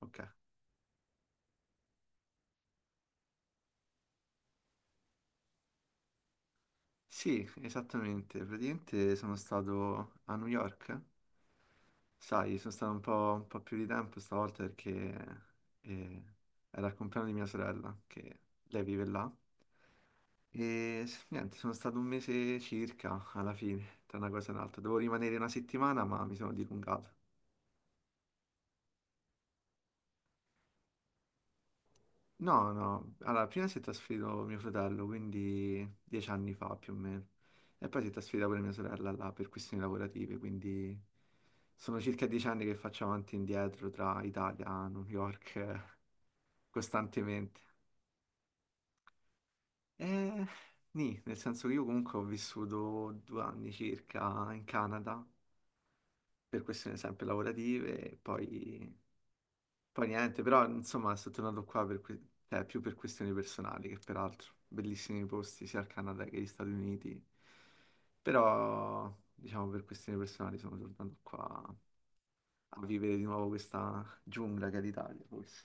Ok. Sì, esattamente. Praticamente sono stato a New York. Sai, sono stato un po' più di tempo stavolta perché eh, era il compleanno di mia sorella, che lei vive là. E niente, sono stato un mese circa alla fine, tra una cosa e un'altra. Dovevo rimanere una settimana, ma mi sono dilungato. No, no, alla prima si è trasferito mio fratello, quindi 10 anni fa più o meno, e poi si è trasferita pure mia sorella là per questioni lavorative, quindi sono circa 10 anni che faccio avanti e indietro tra Italia, New York, costantemente. E nì, nel senso che io comunque ho vissuto 2 anni circa in Canada, per questioni sempre lavorative, e poi niente, però insomma sono tornato qua per cioè, più per questioni personali che peraltro. Bellissimi posti sia al Canada che agli Stati Uniti. Però, diciamo, per questioni personali sono tornato qua a vivere di nuovo questa giungla che è l'Italia, forse.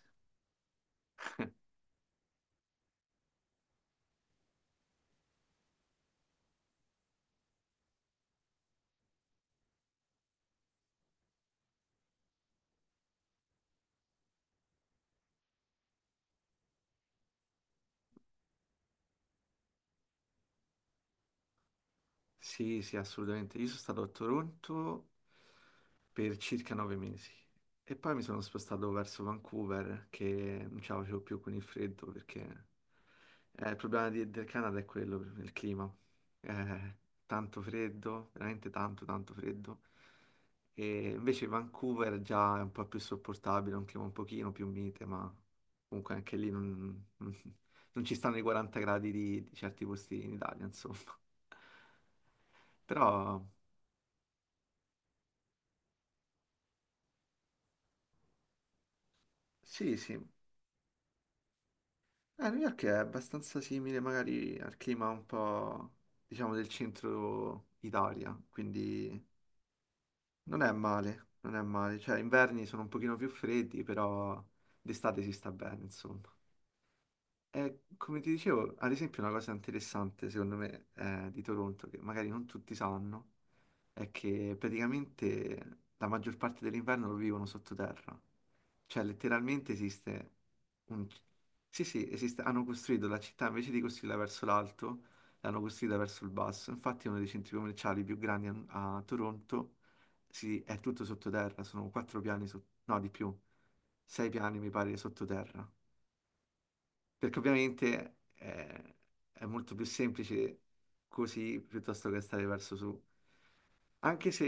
Sì, sì, assolutamente. Io sono stato a Toronto per circa 9 mesi e poi mi sono spostato verso Vancouver che non ce la facevo più con il freddo perché il problema del Canada è quello, il clima. Eh, tanto freddo, veramente tanto, tanto freddo. E invece Vancouver già è un po' più sopportabile, un clima un pochino più mite, ma comunque anche lì non, non ci stanno i 40 gradi di certi posti in Italia, insomma. Però Sì, sì. New York è abbastanza simile magari al clima un po', diciamo, del centro Italia, quindi non è male, non è male. Cioè, inverni sono un pochino più freddi, però d'estate si sta bene, insomma. E come ti dicevo, ad esempio, una cosa interessante, secondo me, di Toronto, che magari non tutti sanno, è che praticamente la maggior parte dell'inverno lo vivono sottoterra. Cioè, letteralmente esiste un... Sì, sì, esiste, hanno costruito la città invece di costruirla verso l'alto, l'hanno costruita verso il basso. Infatti, uno dei centri commerciali più grandi a Toronto è tutto sottoterra, sono 4 piani, no, di più, 6 piani mi pare sottoterra. Perché ovviamente è molto più semplice così piuttosto che stare verso su. Anche se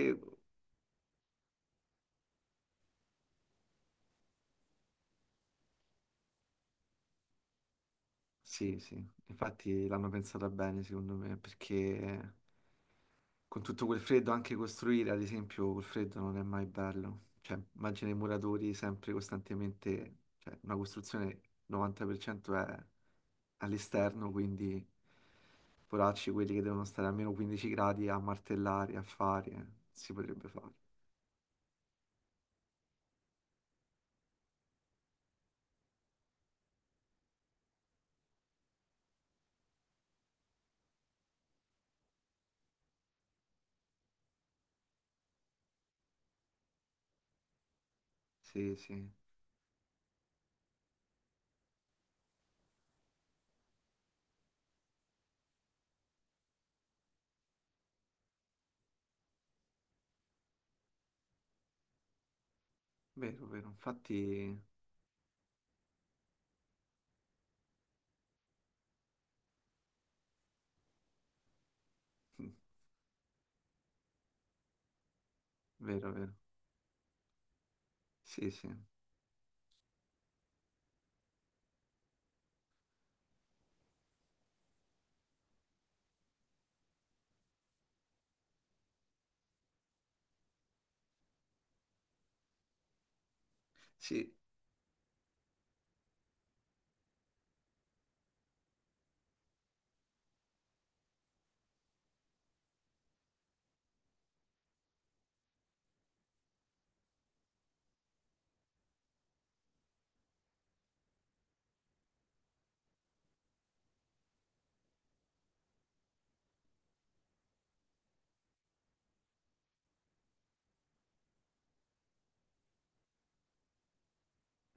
Sì, sì, infatti l'hanno pensata bene secondo me, perché con tutto quel freddo anche costruire, ad esempio, col freddo non è mai bello. Cioè, immagina i muratori sempre costantemente, cioè una costruzione 90% è all'esterno, quindi poracci quelli che devono stare a meno 15 gradi a martellare, a fare, si potrebbe fare. Sì, sì, vero, vero, infatti, vero, vero, sì, sì, sì,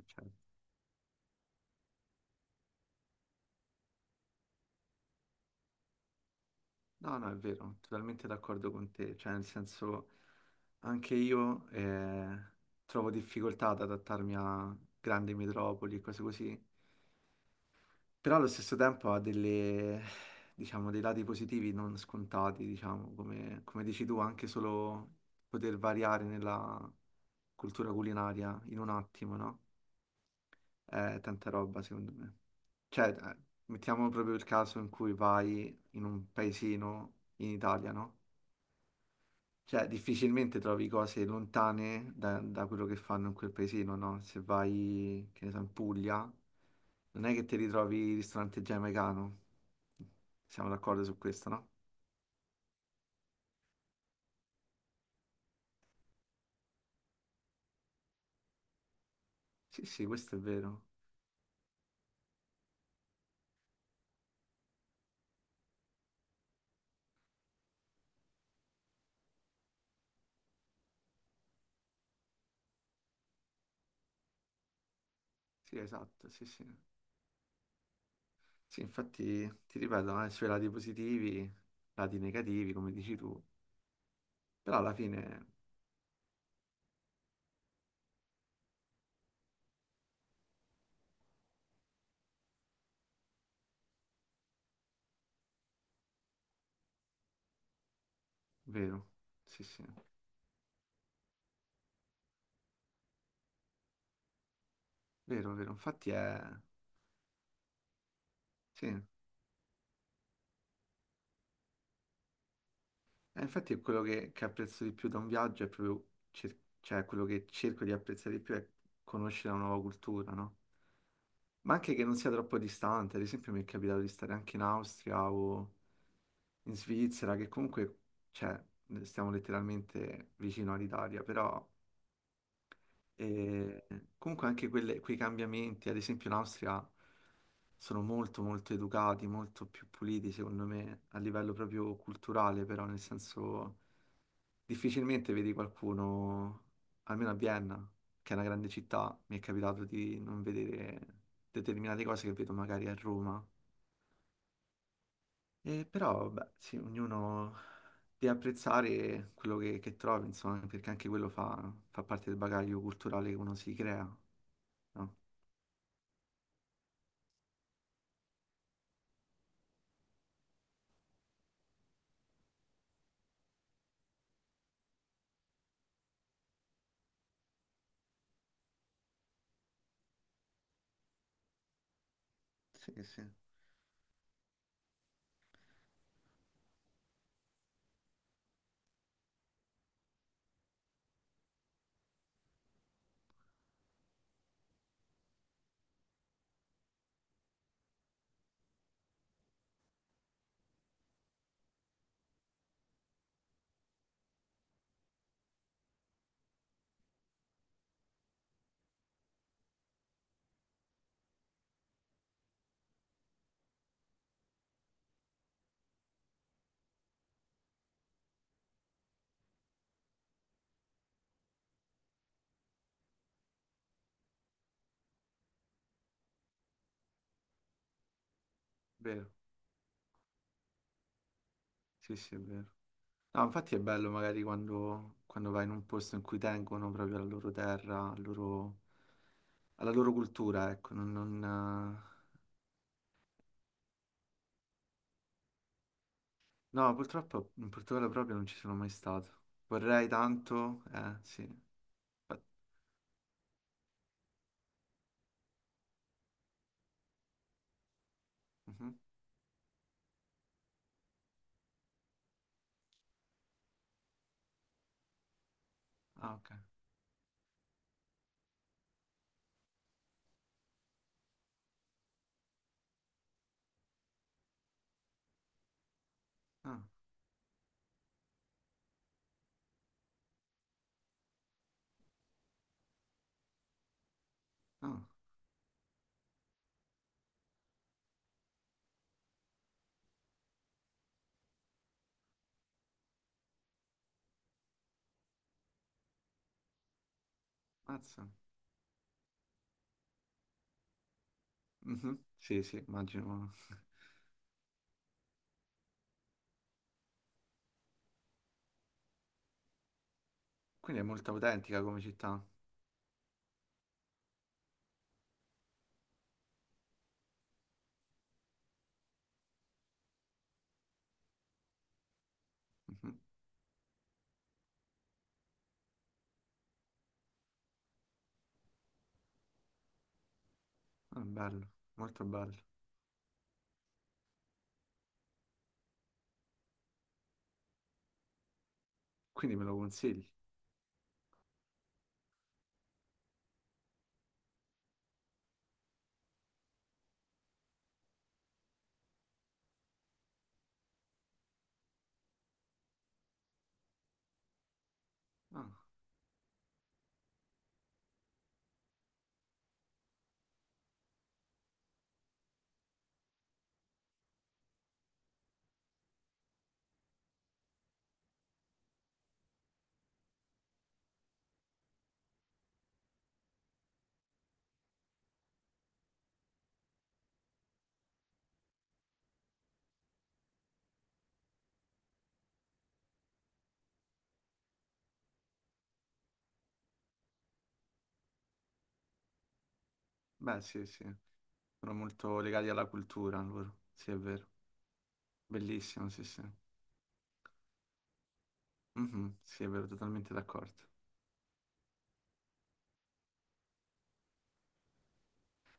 certo. No, no, è vero, totalmente d'accordo con te, cioè nel senso anche io trovo difficoltà ad adattarmi a grandi metropoli e cose così, però allo stesso tempo ha delle, diciamo, dei lati positivi non scontati, diciamo, come, dici tu, anche solo poter variare nella cultura culinaria in un attimo, no? È tanta roba secondo me. Cioè, mettiamo proprio il caso in cui vai in un paesino in Italia, no? Cioè, difficilmente trovi cose lontane da quello che fanno in quel paesino, no? Se vai, che ne so, in Puglia, non è che ti ritrovi il ristorante giamaicano. Siamo d'accordo su questo, no? Sì, sì, questo è vero. Sì, esatto, sì, sì. Sì, infatti, ti ripeto, ha i suoi lati positivi, lati negativi, come dici tu. Però alla fine è vero. Sì, sì. Vero, vero. Infatti è. Sì. Infatti è quello che apprezzo di più da un viaggio è proprio, cioè quello che cerco di apprezzare di più è conoscere una nuova cultura, no? Ma anche che non sia troppo distante, ad esempio mi è capitato di stare anche in Austria o in Svizzera, che comunque, cioè, stiamo letteralmente vicino all'Italia, però e comunque anche quei cambiamenti, ad esempio in Austria, sono molto molto educati, molto più puliti secondo me, a livello proprio culturale, però nel senso difficilmente vedi qualcuno, almeno a Vienna, che è una grande città, mi è capitato di non vedere determinate cose che vedo magari a Roma. E però, beh, sì, ognuno deve apprezzare quello che trova, insomma, perché anche quello fa, fa parte del bagaglio culturale che uno si crea, no? Sì, sì, vero, sì, sì, è vero. No, infatti è bello magari quando vai in un posto in cui tengono proprio alla loro terra, alla loro cultura, ecco. Non, eh. No, purtroppo in Portogallo proprio non ci sono mai stato. Vorrei tanto, sì. Fa- Mhm. Ah, ok. Ah, ah, mazza. Mhm. Sì, sì, immagino. Quindi è molto autentica come città. Mhm. Ah, bello, molto bello. Quindi me lo consigli? Ah, beh, sì, sì. Sono molto legati alla cultura loro, sì è vero, bellissimo, sì sì, Mhm, sì è vero, totalmente d'accordo.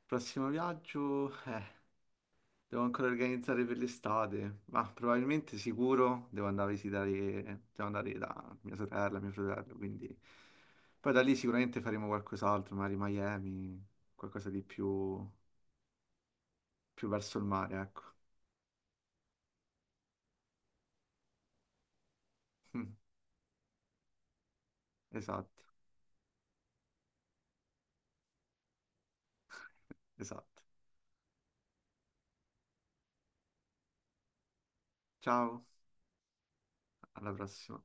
Prossimo viaggio, devo ancora organizzare per l'estate, ma probabilmente sicuro devo andare a visitare, devo andare da mia sorella, mio fratello, quindi poi da lì sicuramente faremo qualcos'altro, magari Miami, qualcosa di più, più verso il mare, ecco. Mm, esatto, esatto. Ciao, alla prossima.